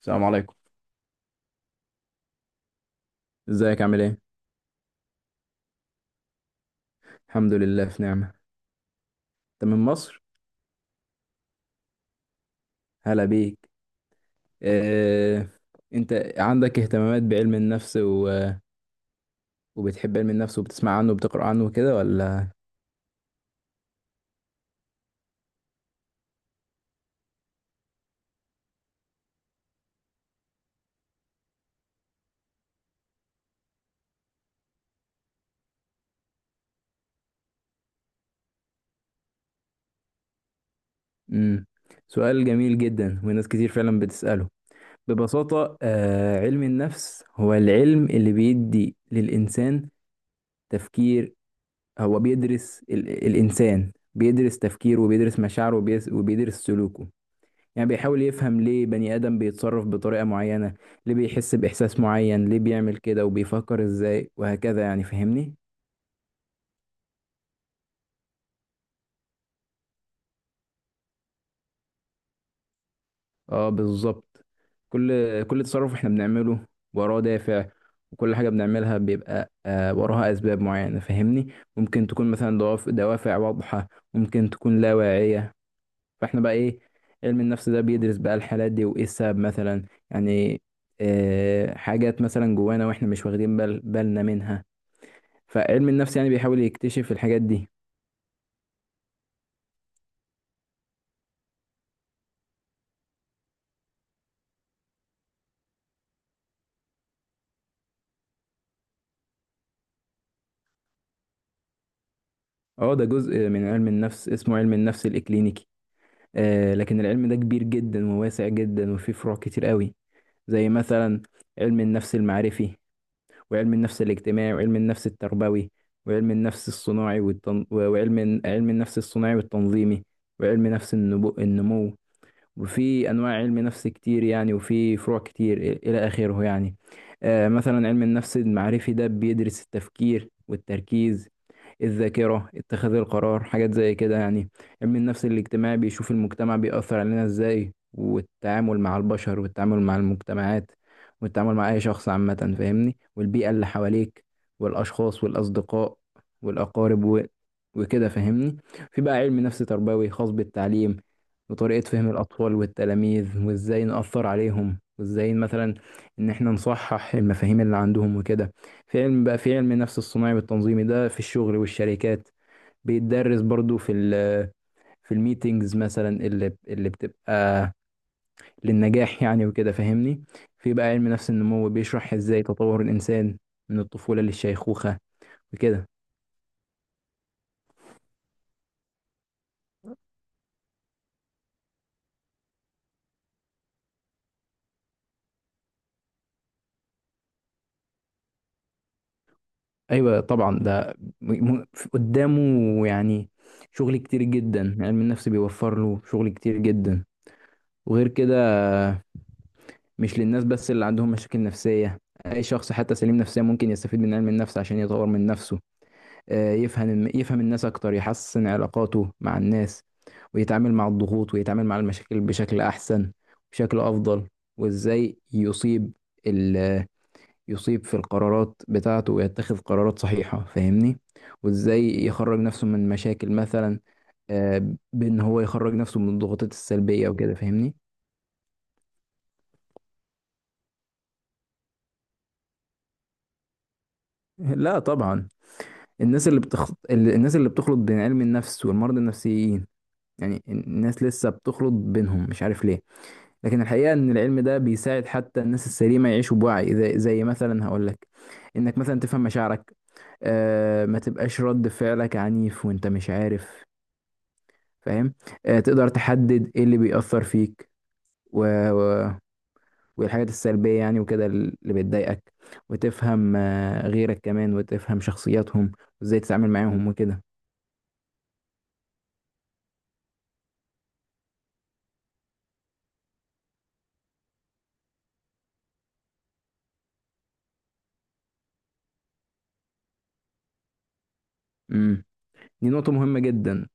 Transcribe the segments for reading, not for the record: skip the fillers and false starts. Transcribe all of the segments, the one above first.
السلام عليكم. ازيك عامل ايه؟ الحمد لله في نعمة. انت من مصر؟ هلا بيك. اه... انت عندك اهتمامات بعلم النفس وبتحب علم النفس وبتسمع عنه وبتقرأ عنه وكده ولا؟ امم سؤال جميل جدا وناس كتير فعلا بتسأله. ببساطة، علم النفس هو العلم اللي بيدي للإنسان تفكير. هو بيدرس الإنسان، بيدرس تفكيره وبيدرس مشاعره وبيدرس سلوكه. يعني بيحاول يفهم ليه بني آدم بيتصرف بطريقة معينة، ليه بيحس بإحساس معين، ليه بيعمل كده وبيفكر إزاي وهكذا، يعني فاهمني؟ اه بالظبط. كل تصرف احنا بنعمله وراه دافع، وكل حاجة بنعملها بيبقى وراها أسباب معينة، فاهمني؟ ممكن تكون مثلا دوافع واضحة، ممكن تكون لا واعية. فاحنا بقى إيه، علم النفس ده بيدرس بقى الحالات دي وإيه السبب مثلا يعني. آه حاجات مثلا جوانا واحنا مش واخدين بال بالنا منها، فعلم النفس يعني بيحاول يكتشف الحاجات دي. اه ده جزء من علم النفس اسمه علم النفس الإكلينيكي. آه لكن العلم ده كبير جدا وواسع جدا وفيه فروع كتير قوي، زي مثلا علم النفس المعرفي وعلم النفس الاجتماعي وعلم النفس التربوي وعلم النفس الصناعي و علم النفس الصناعي والتنظيمي وعلم نفس النمو. وفي انواع علم نفس كتير يعني وفي فروع كتير الى اخره يعني. مثلا علم النفس المعرفي ده بيدرس التفكير والتركيز، الذاكرة، اتخاذ القرار، حاجات زي كده يعني. علم النفس الاجتماعي بيشوف المجتمع بيأثر علينا ازاي، والتعامل مع البشر والتعامل مع المجتمعات والتعامل مع اي شخص عامة، فاهمني، والبيئة اللي حواليك والاشخاص والاصدقاء والاقارب وكده فاهمني. في بقى علم نفس تربوي خاص بالتعليم وطريقة فهم الأطفال والتلاميذ وإزاي نأثر عليهم وإزاي مثلا إن إحنا نصحح المفاهيم اللي عندهم وكده. في علم النفس الصناعي والتنظيمي ده في الشغل والشركات، بيتدرس برضو في في الميتينجز مثلا اللي بتبقى للنجاح يعني وكده فاهمني. في بقى علم نفس النمو بيشرح إزاي تطور الإنسان من الطفولة للشيخوخة وكده. ايوه طبعا ده م- م- قدامه يعني شغل كتير جدا، علم النفس بيوفر له شغل كتير جدا. وغير كده مش للناس بس اللي عندهم مشاكل نفسية، اي شخص حتى سليم نفسيا ممكن يستفيد من علم النفس عشان يطور من نفسه. يفهم الناس اكتر، يحسن علاقاته مع الناس، ويتعامل مع الضغوط ويتعامل مع المشاكل بشكل احسن، بشكل افضل. وازاي يصيب في القرارات بتاعته ويتخذ قرارات صحيحة، فاهمني، وازاي يخرج نفسه من مشاكل مثلا. بان هو يخرج نفسه من الضغوطات السلبية وكده فاهمني. لا طبعا. الناس اللي الناس اللي بتخلط بين علم النفس والمرضى النفسيين، يعني الناس لسه بتخلط بينهم مش عارف ليه. لكن الحقيقة ان العلم ده بيساعد حتى الناس السليمة يعيشوا بوعي. زي مثلا هقول لك، انك مثلا تفهم مشاعرك، آه ما تبقاش رد فعلك عنيف وانت مش عارف، فاهم. تقدر تحدد ايه اللي بيأثر فيك و... و... والحاجات السلبية يعني وكده اللي بتضايقك. وتفهم، غيرك كمان وتفهم شخصياتهم وازاي تتعامل معاهم وكده. امم دي نقطة مهمة جدا.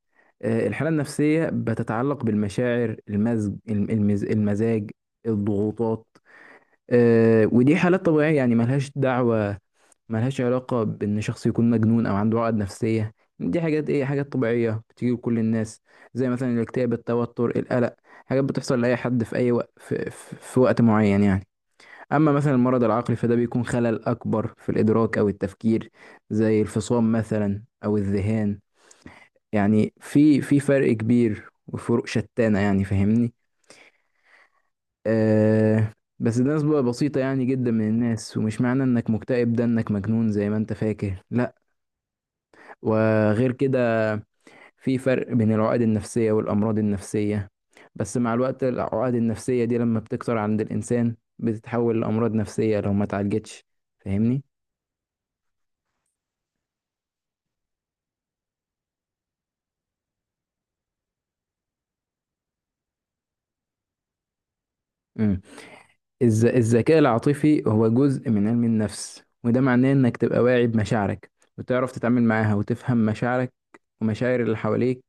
الحالة النفسية بتتعلق بالمشاعر، المزاج، الضغوطات. ودي حالات طبيعية يعني، ملهاش دعوة، ملهاش علاقة بإن شخص يكون مجنون أو عنده عقد نفسية. دي حاجات إيه، حاجات طبيعية بتيجي لكل الناس، زي مثلا الاكتئاب، التوتر، القلق. حاجات بتحصل لأي حد في أي وقت، في وقت معين يعني. أما مثلا المرض العقلي فده بيكون خلل أكبر في الإدراك أو التفكير، زي الفصام مثلا أو الذهان. يعني في فرق كبير وفروق شتانة يعني فاهمني. آه. بس ده نسبة بسيطة يعني جدا من الناس، ومش معنى إنك مكتئب ده إنك مجنون زي ما أنت فاكر، لا. وغير كده، في فرق بين العقد النفسية والأمراض النفسية، بس مع الوقت العقد النفسية دي لما بتكتر عند الإنسان بتتحول لأمراض نفسية لو ما اتعالجتش، فاهمني؟ امم الذكاء العاطفي هو جزء من علم النفس، وده معناه إنك تبقى واعي بمشاعرك وتعرف تتعامل معاها وتفهم مشاعرك ومشاعر اللي حواليك.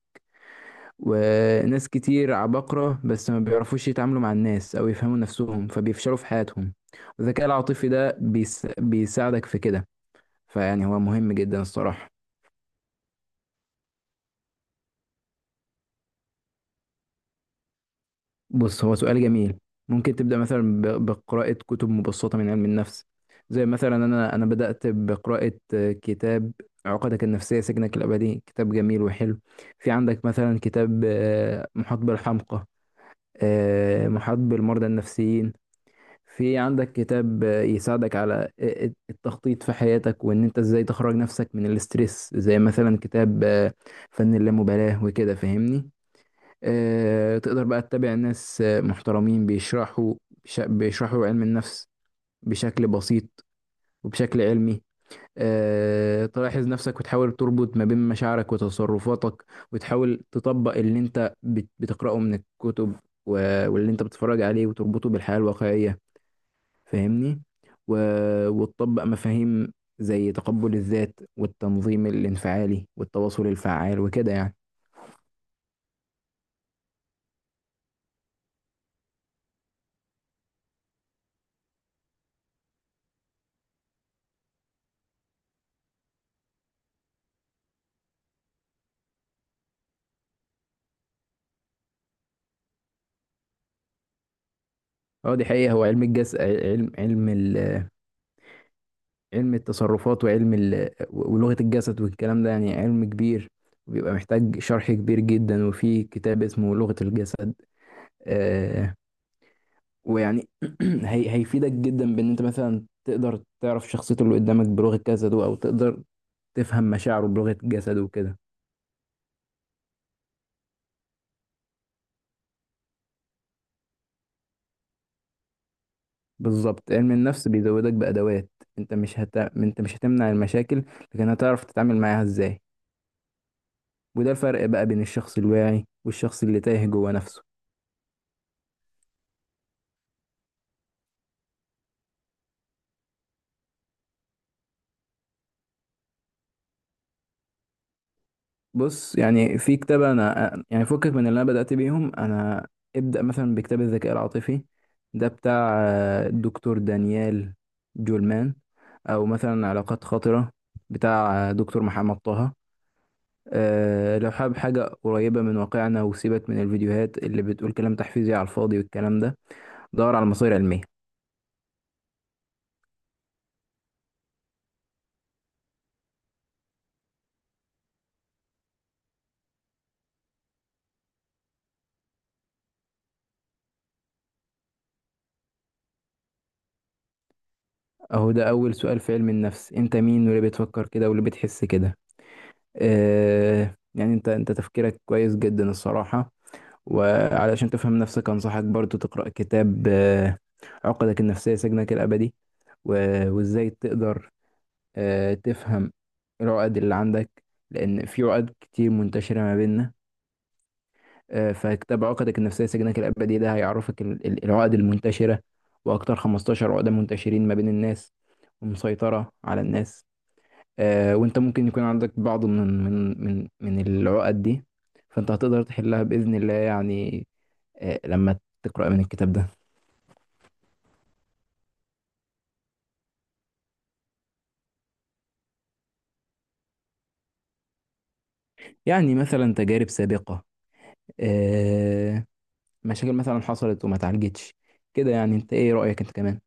وناس كتير عباقرة بس ما بيعرفوش يتعاملوا مع الناس أو يفهموا نفسهم فبيفشلوا في حياتهم، والذكاء العاطفي ده بيساعدك في كده. فيعني هو مهم جدا الصراحة. بص هو سؤال جميل. ممكن تبدأ مثلا بقراءة كتب مبسطة من علم النفس. زي مثلا أنا بدأت بقراءة كتاب عقدك النفسية سجنك الأبدي، كتاب جميل وحلو. في عندك مثلا كتاب، محاط بالحمقى، محاط بالمرضى النفسيين. في عندك كتاب يساعدك على التخطيط في حياتك وان انت ازاي تخرج نفسك من الاسترس، زي مثلا كتاب فن اللامبالاة وكده فاهمني. تقدر بقى تتابع ناس محترمين بيشرحوا، بيشرحوا علم النفس بشكل بسيط وبشكل علمي. تلاحظ نفسك وتحاول تربط ما بين مشاعرك وتصرفاتك، وتحاول تطبق اللي انت بتقرأه من الكتب واللي انت بتتفرج عليه وتربطه بالحياة الواقعية، فاهمني. و... وتطبق مفاهيم زي تقبل الذات والتنظيم الانفعالي والتواصل الفعال وكده يعني. اه دي حقيقة. هو علم الجسد، علم التصرفات ولغة الجسد والكلام ده يعني علم كبير، وبيبقى محتاج شرح كبير جدا، وفي كتاب اسمه لغة الجسد. آه ويعني هيفيدك جدا بان انت مثلا تقدر تعرف شخصيته اللي قدامك بلغة جسده، او تقدر تفهم مشاعره بلغة جسده وكده. بالظبط، علم النفس بيزودك بأدوات. انت مش هت... انت مش هتمنع المشاكل، لكن هتعرف تتعامل معاها ازاي. وده الفرق بقى بين الشخص الواعي والشخص اللي تايه جوه نفسه. بص يعني في كتاب انا يعني فكك من اللي انا بدأت بيهم انا. ابدأ مثلا بكتاب الذكاء العاطفي، ده بتاع الدكتور دانيال جولمان. او مثلا علاقات خاطرة، بتاع دكتور محمد طه. لو حابب حاجة قريبة من واقعنا وسيبك من الفيديوهات اللي بتقول كلام تحفيزي على الفاضي والكلام ده، دور على مصادر علمية. أهو ده أول سؤال في علم النفس، أنت مين واللي بتفكر كده واللي بتحس كده. آه يعني أنت تفكيرك كويس جدا الصراحة. وعلشان تفهم نفسك أنصحك برضو تقرأ كتاب آه عقدك النفسية سجنك الأبدي. وإزاي تقدر آه تفهم العقد اللي عندك، لأن في عقد كتير منتشرة ما بيننا. فكتاب عقدك النفسية سجنك الأبدي ده هيعرفك العقد المنتشرة، وأكتر 15 عقدة منتشرين ما بين الناس ومسيطرة على الناس. وأنت ممكن يكون عندك بعض من العقد دي، فأنت هتقدر تحلها بإذن الله يعني، لما تقرأ من الكتاب ده. يعني مثلا تجارب سابقة، آه، مشاكل مثلا حصلت وما اتعالجتش كده يعني. أنت إيه رأيك أنت كمان؟